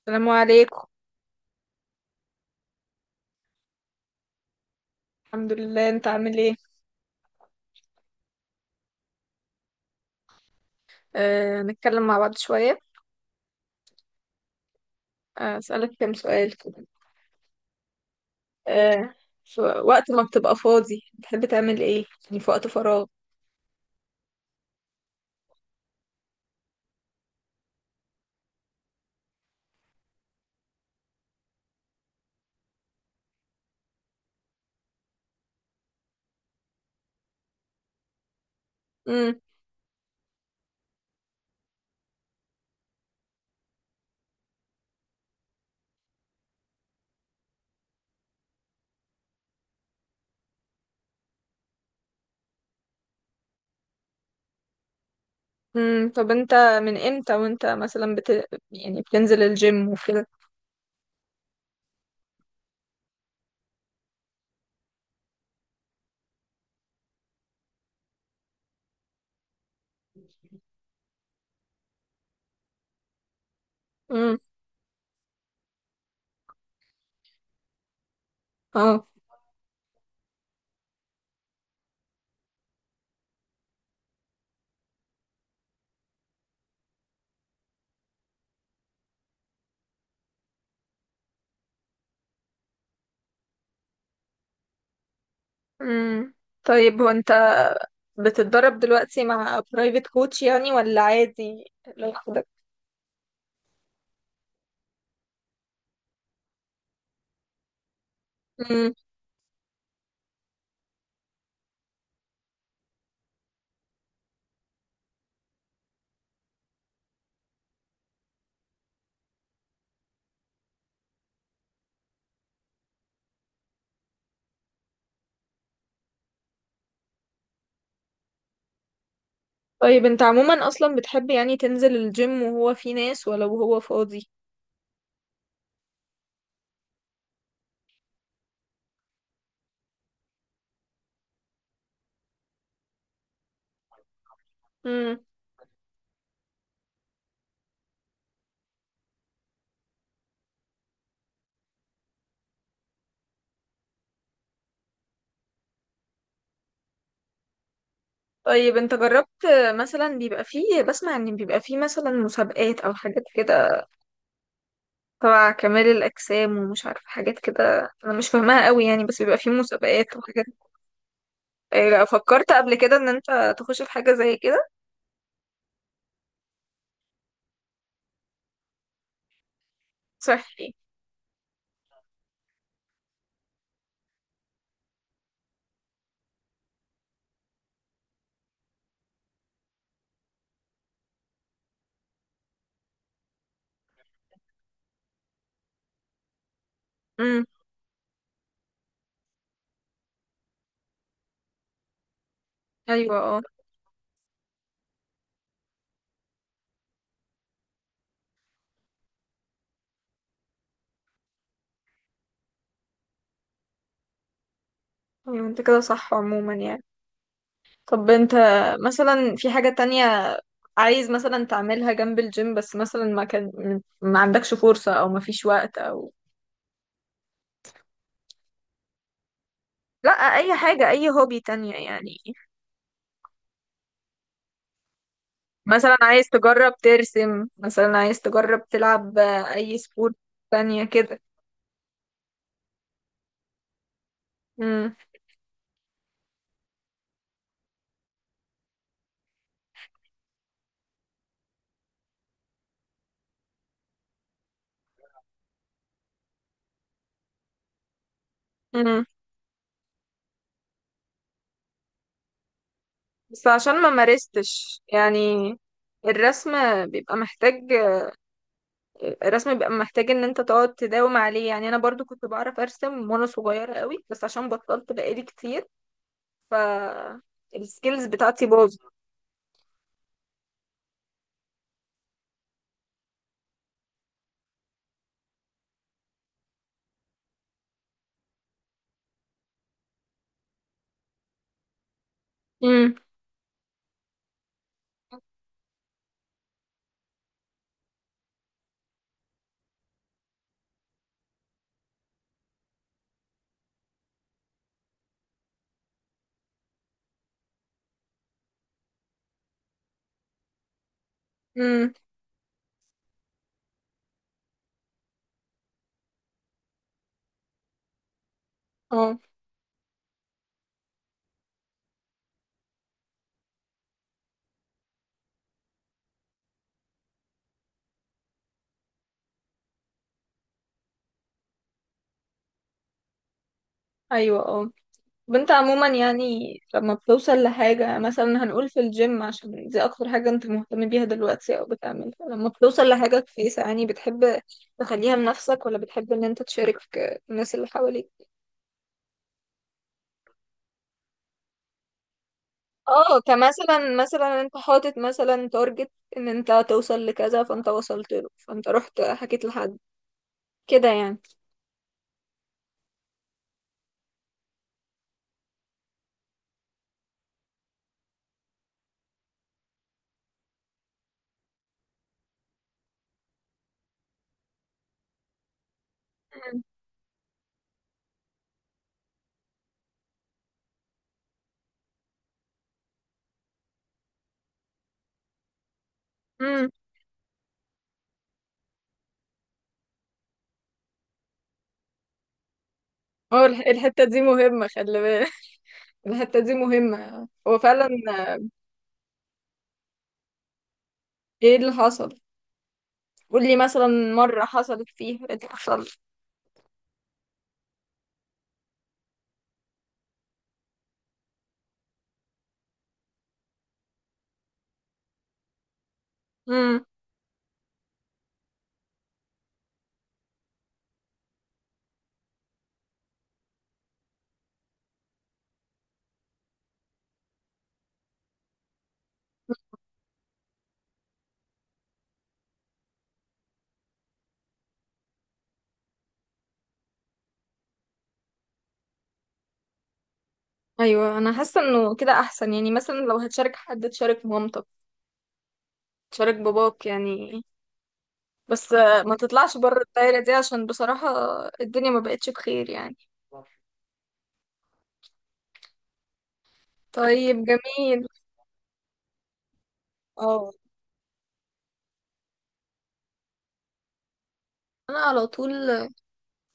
السلام عليكم. الحمد لله، انت عامل ايه؟ نتكلم مع بعض شوية. اسألك كام سؤال كده. آه، في وقت ما بتبقى فاضي بتحب تعمل ايه يعني، في وقت فراغ؟ امم، امم. طب انت من امتى وانت مثلا يعني بتنزل الجيم وكده؟ امم، اه، امم. طيب، هو انت بتتدرب دلوقتي مع برايفت كوتش يعني، ولا عادي لوحدك؟ امم. طيب، انت عموما اصلا بتحب يعني تنزل الجيم وهو في ناس، ولو هو فاضي؟ طيب انت جربت مثلا، بيبقى فيه، بسمع ان بيبقى فيه مثلا مسابقات او حاجات كده تبع كمال الاجسام ومش عارفه، حاجات كده انا مش فاهماها قوي يعني، بس بيبقى فيه مسابقات وحاجات؟ ايه، فكرت قبل كده ان انت تخش في حاجه زي كده؟ صحي. امم، ايوه، اه، ايوه. انت كده صح عموما يعني. طب انت مثلا في حاجه تانية، عايز مثلا تعملها جنب الجيم، بس مثلا ما كان، ما عندكش فرصه، او ما فيش وقت، او... لا، اي حاجه، اي هوبي تانية يعني. مثلا عايز تجرب ترسم، مثلا عايز تجرب تلعب اي سبورت تانية كده؟ امم، امم. بس عشان ما مارستش يعني الرسم بيبقى محتاج الرسم بيبقى محتاج ان انت تقعد تداوم عليه يعني، انا برضو كنت بعرف ارسم وانا صغيرة قوي، بس عشان بطلت بقالي كتير، ف السكيلز بتاعتي باظت. امم، امم، اه، ايوه، اه. طب انت عموما يعني، لما بتوصل لحاجة، مثلا هنقول في الجيم عشان دي أكتر حاجة انت مهتم بيها دلوقتي أو بتعملها، لما بتوصل لحاجة كويسة يعني، بتحب تخليها لنفسك، ولا بتحب ان انت تشارك الناس اللي حواليك؟ اه، كمثلا، مثلا انت حاطط مثلا تارجت ان انت توصل لكذا، فانت وصلت له، فانت رحت حكيت لحد كده يعني؟ مم. مم. اه، الحتة دي مهمة، خلي بالك. الحتة دي مهمة، هو فعلا. ايه اللي حصل؟ قولي مثلا مرة حصلت فيها، ايه اللي حصل؟ امم. ايوه، انا حاسة انه كده احسن، يعني مثلا لو هتشارك حد تشارك مامتك، تشارك باباك يعني، بس ما تطلعش بره الدايرة دي، عشان بصراحة الدنيا ما بقتش بخير يعني. طيب، جميل. اه. انا على طول،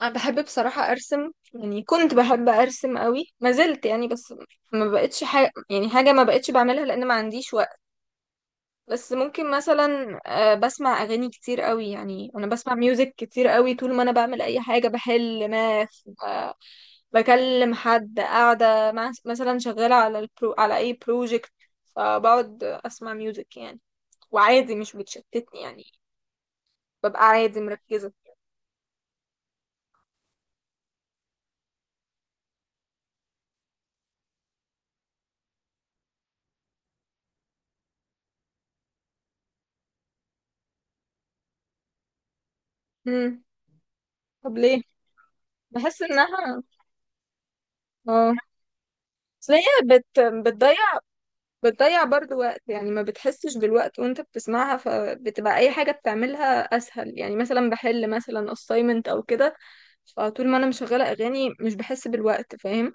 انا بحب بصراحة ارسم يعني، كنت بحب ارسم قوي، ما زلت يعني، بس ما بقتش حاجة، يعني حاجة ما بقتش بعملها لان ما عنديش وقت. بس ممكن مثلا، بسمع اغاني كتير قوي يعني، انا بسمع ميوزك كتير قوي طول ما انا بعمل اي حاجه، بحل ماث، بكلم حد، قاعده مع مثلا، شغاله على على اي بروجكت، فبقعد اسمع ميوزك يعني، وعادي مش بتشتتني يعني، ببقى عادي مركزه. امم. طب ليه؟ بحس انها، اه، اصل هي بتضيع برضو وقت يعني، ما بتحسش بالوقت وانت بتسمعها، فبتبقى اي حاجة بتعملها اسهل، يعني مثلا بحل مثلا assignment او كده، فطول ما انا مشغلة اغاني مش بحس بالوقت، فاهم؟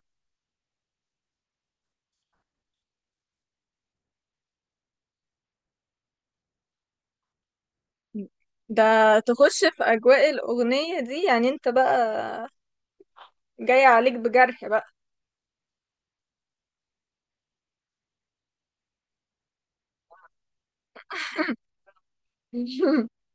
ده تخش في اجواء الاغنية دي يعني، انت بقى جاي عليك بجرح بقى.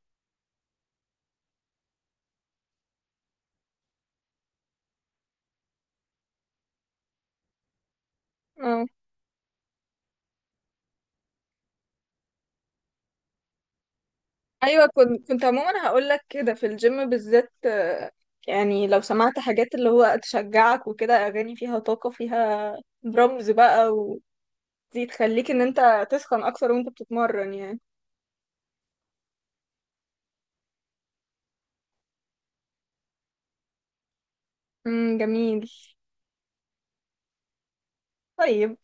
اه، ايوه، كنت عموما هقول لك كده، في الجيم بالذات يعني لو سمعت حاجات اللي هو تشجعك وكده، اغاني فيها طاقة، فيها درامز بقى، دي تخليك ان انت تسخن اكتر وانت بتتمرن يعني. امم، جميل. طيب.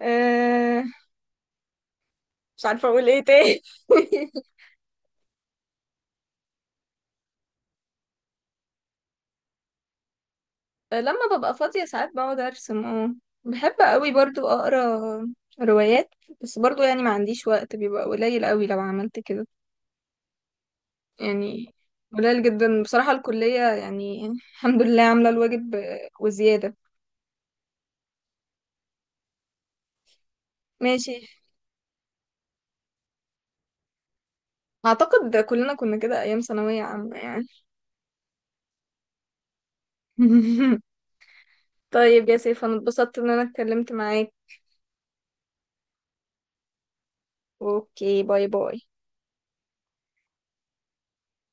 أه مش عارفة اقول ايه تاني. لما ببقى فاضية ساعات بقعد ارسم، اه. بحب قوي برضو اقرا روايات، بس برضو يعني ما عنديش وقت، بيبقى قليل قوي لو عملت كده يعني، قليل جدا بصراحة، الكلية يعني الحمد لله عاملة الواجب وزيادة. ماشي. اعتقد كلنا كنا كده ايام ثانوية عامة يعني. طيب يا سيف، انا اتبسطت ان انا اتكلمت معاك. اوكي، باي باي.